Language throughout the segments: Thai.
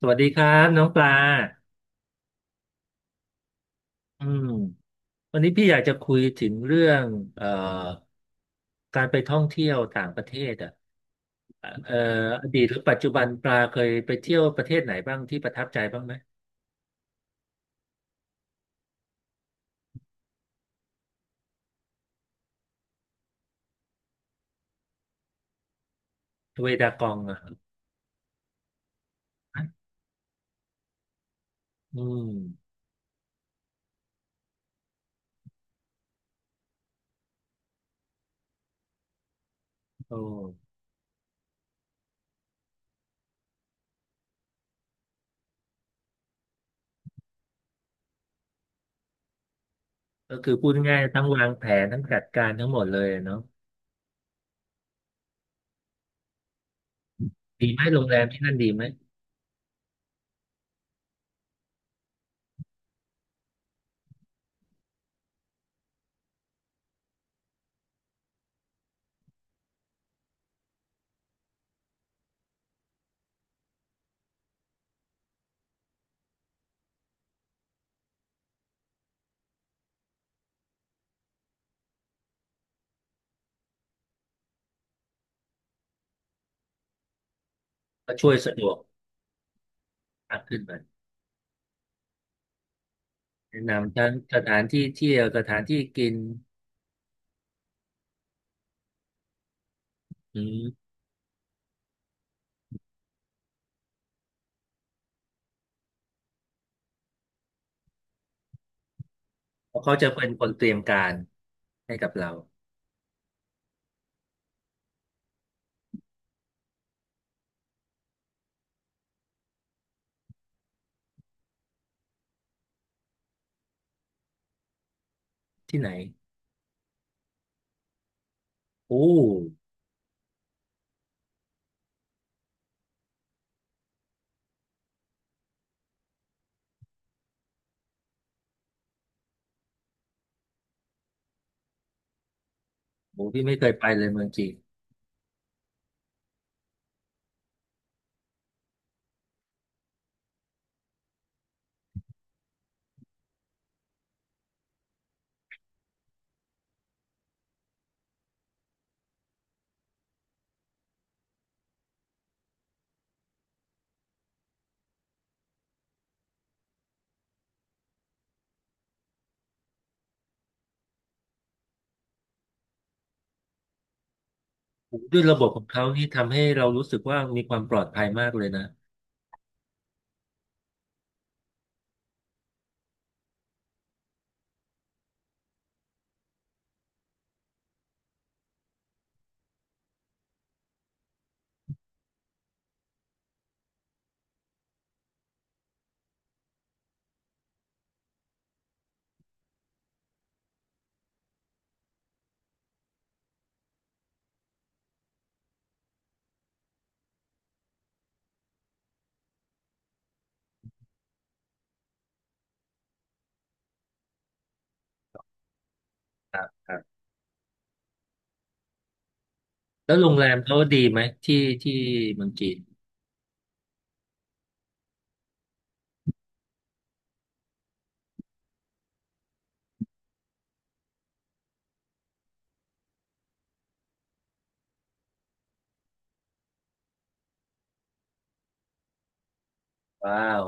สวัสดีครับน้องปลาอืมวันนี้พี่อยากจะคุยถึงเรื่องเอ่อการไปท่องเที่ยวต่างประเทศอ่ะเอ่ออดีตหรือปัจจุบันปลาเคยไปเที่ยวประเทศไหนบ้างที่ประทับใจบ้างไหมเวดากองอ่ะอืมโอ้ก็คือพูดง่ายๆทั้งวางแผนทั้งจัดการทั้งหมดเลยเนาะดีไหมโรงแรมที่นั่นดีไหมก็ช่วยสะดวกมากขึ้นไปแนะนำทั้งสถานที่เที่ยวสถานที่กินอืมเพราะเขาจะเป็นคนเตรียมการให้กับเรา ที่ไหนโอ้โหพี่ไม่เคยไปเลยเมืองจีนโอ้ด้วยระบบของเขานี่ทำให้เรารู้สึกว่ามีความปลอดภัยมากเลยนะครับครับแล้วโรงแรมเขาดีไหมที่ที่เมืองจีนว้าว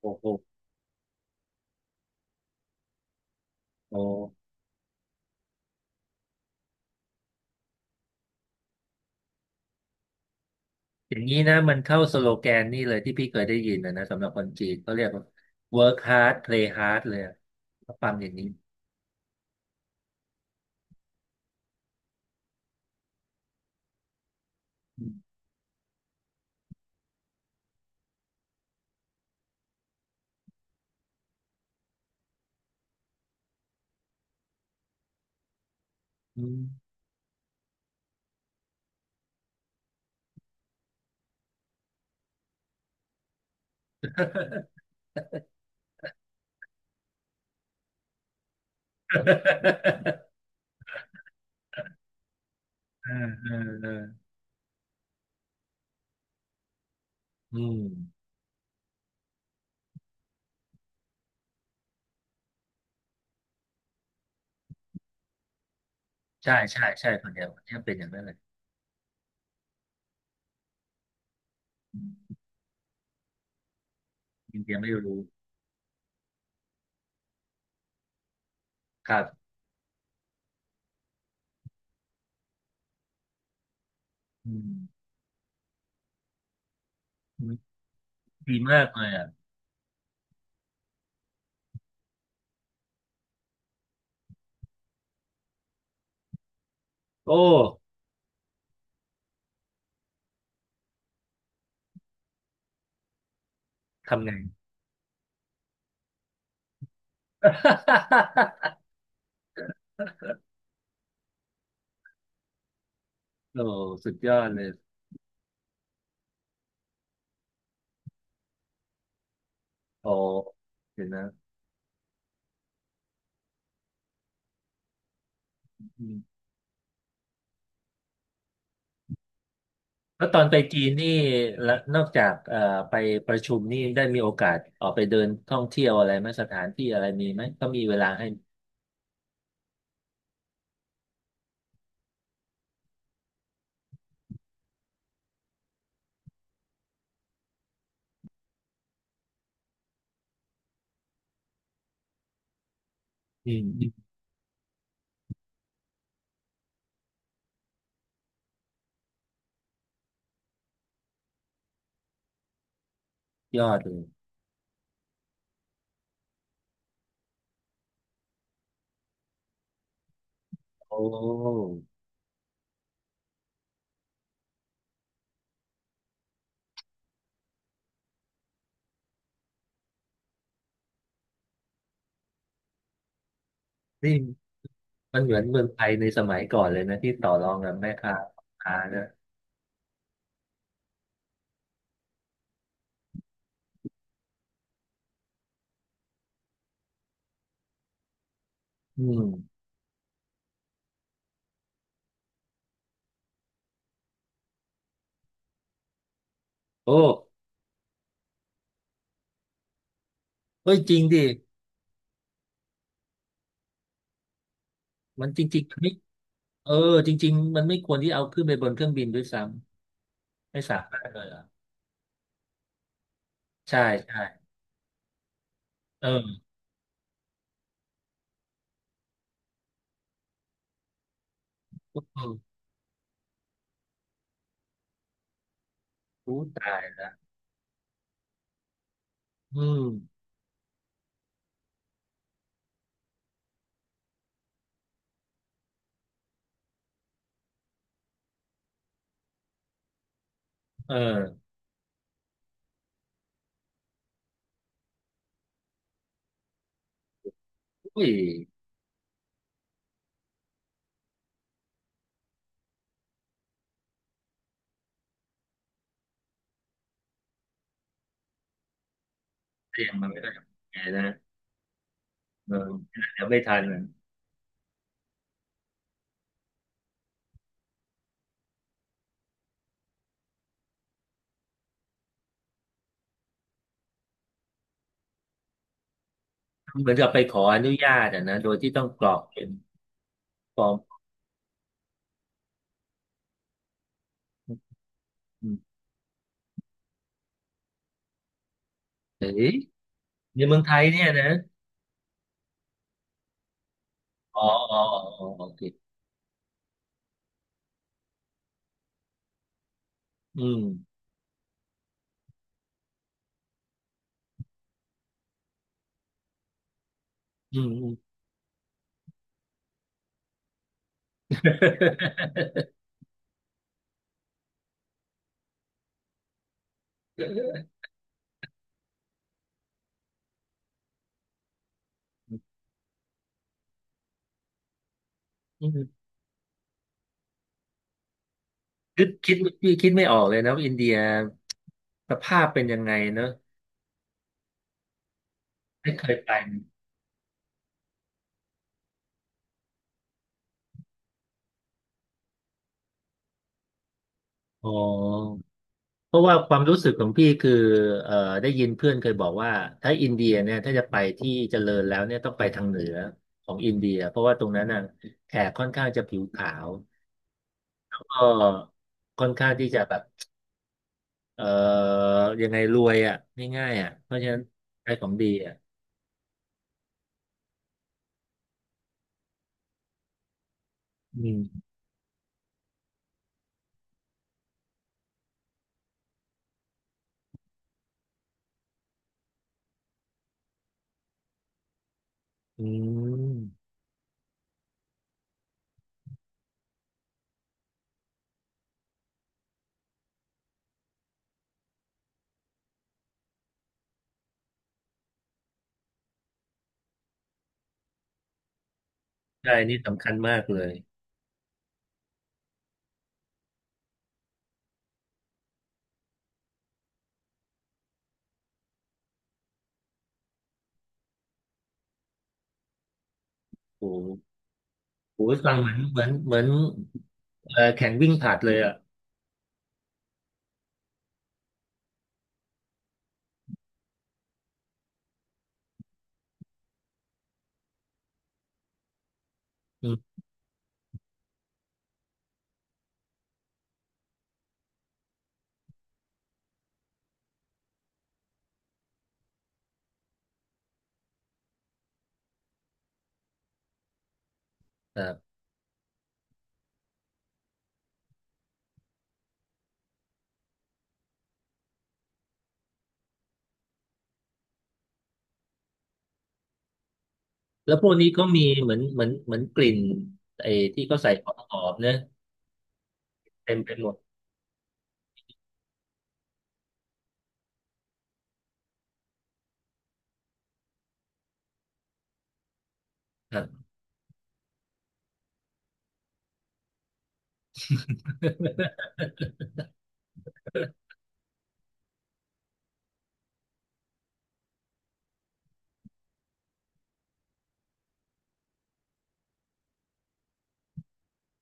โอ้โหโอ้อย่างนี้นะมันเข้าสโลแกนนี่เลยที่พี่เคยได้ยินนะนะสำหรับคนจีนเขาเรียกว่า work hard play hard เลยอะก็ปั๊มอย่างนี้อืม อืมเออเออเอออืมใช่ใช่ใช่คนเดียวคนเดียวเป็นอย่างนั้นเลยอืมอินเดียไม่รู้ ครับอืมดีมากเลยอ่ะ โอ้ ทำไง โอ้สุดยอดเลยโอ้เดี๋ยวนะอืมแล้วตอนไปจีนนี่ละนอกจากไปประชุมนี่ได้มีโอกาสออกไปเดินท่องเที่ยวอะไรไหมสถานที่อะไรมีไหมก็มีเวลาให้อืมอืมยอดเลยโอ้นี่มันเหมือนเมืองไทยในสมัยก่อนเลยนะที่ต่อรองกับแม่ค้าพ่อค้านะอืมโอ้เฮ้ยจริงดิ มันจริงๆ เออจริงๆมันไม่ควรที่เอาขึ้นไปบนเครื่องบินด้วยซ้ำไม่สามารถเลยเหรอใช่ใช่เออเออรู้ตายละอืมเอออุ้ยเตรียมมาไม่ได้ไงนะเออเดี๋ยวไม่ทันนะเหมือนกับไปขออนุญาตอะนะโดยที่ต้องกรอกเป็นฟอร์มอืมเฮ้ยในเมืองไทยเนี่ยนะอ๋ออ๋ออ๋ออ๋อโอเคอืมอืมอืม อืมคิดคิด่คิดไม่ออกเลยนะว่าอินเดียสภาพเป็นยังไงเนอะ ไม่เคยไปอ๋อเพราะว่าความรู้สึกของพี่คือเอ่อได้ยินเพื่อนเคยบอกว่าถ้าอินเดียเนี่ยถ้าจะไปที่เจริญแล้วเนี่ยต้องไปทางเหนือของอินเดียเพราะว่าตรงนั้นน่ะแขกค่อนข้างจะผิวขาวก็ค่อนข้างที่จะแบบเอ่อยังไงรวยอ่ะง่ายๆอ่ะเพราะฉะนั้นใช้ของดีอ่ะอืมอืมใช่นี่สำคัญมากเลยโอ้โหโอ้โหฟังเหมือนเหมือนเหมือนแข่งวิ่งผลัดเลยอ่ะอืมครับ แล้วพวกนี้ก็มีเหมือนเหมือนเหมือนกลิ่นไอ้ที่เขาใส่ของหอมเนอะเต็มไปหมดครับ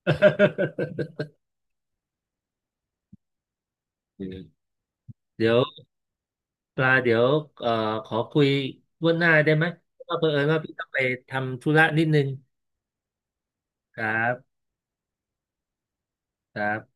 เดี๋ยวปลาเดี๋ยวเอ่อขอคุยล่วงหน้าได้ไหมเพราะว่าเผอิญว่าพี่ต้องไปทำธุระนิดนึงครับครับ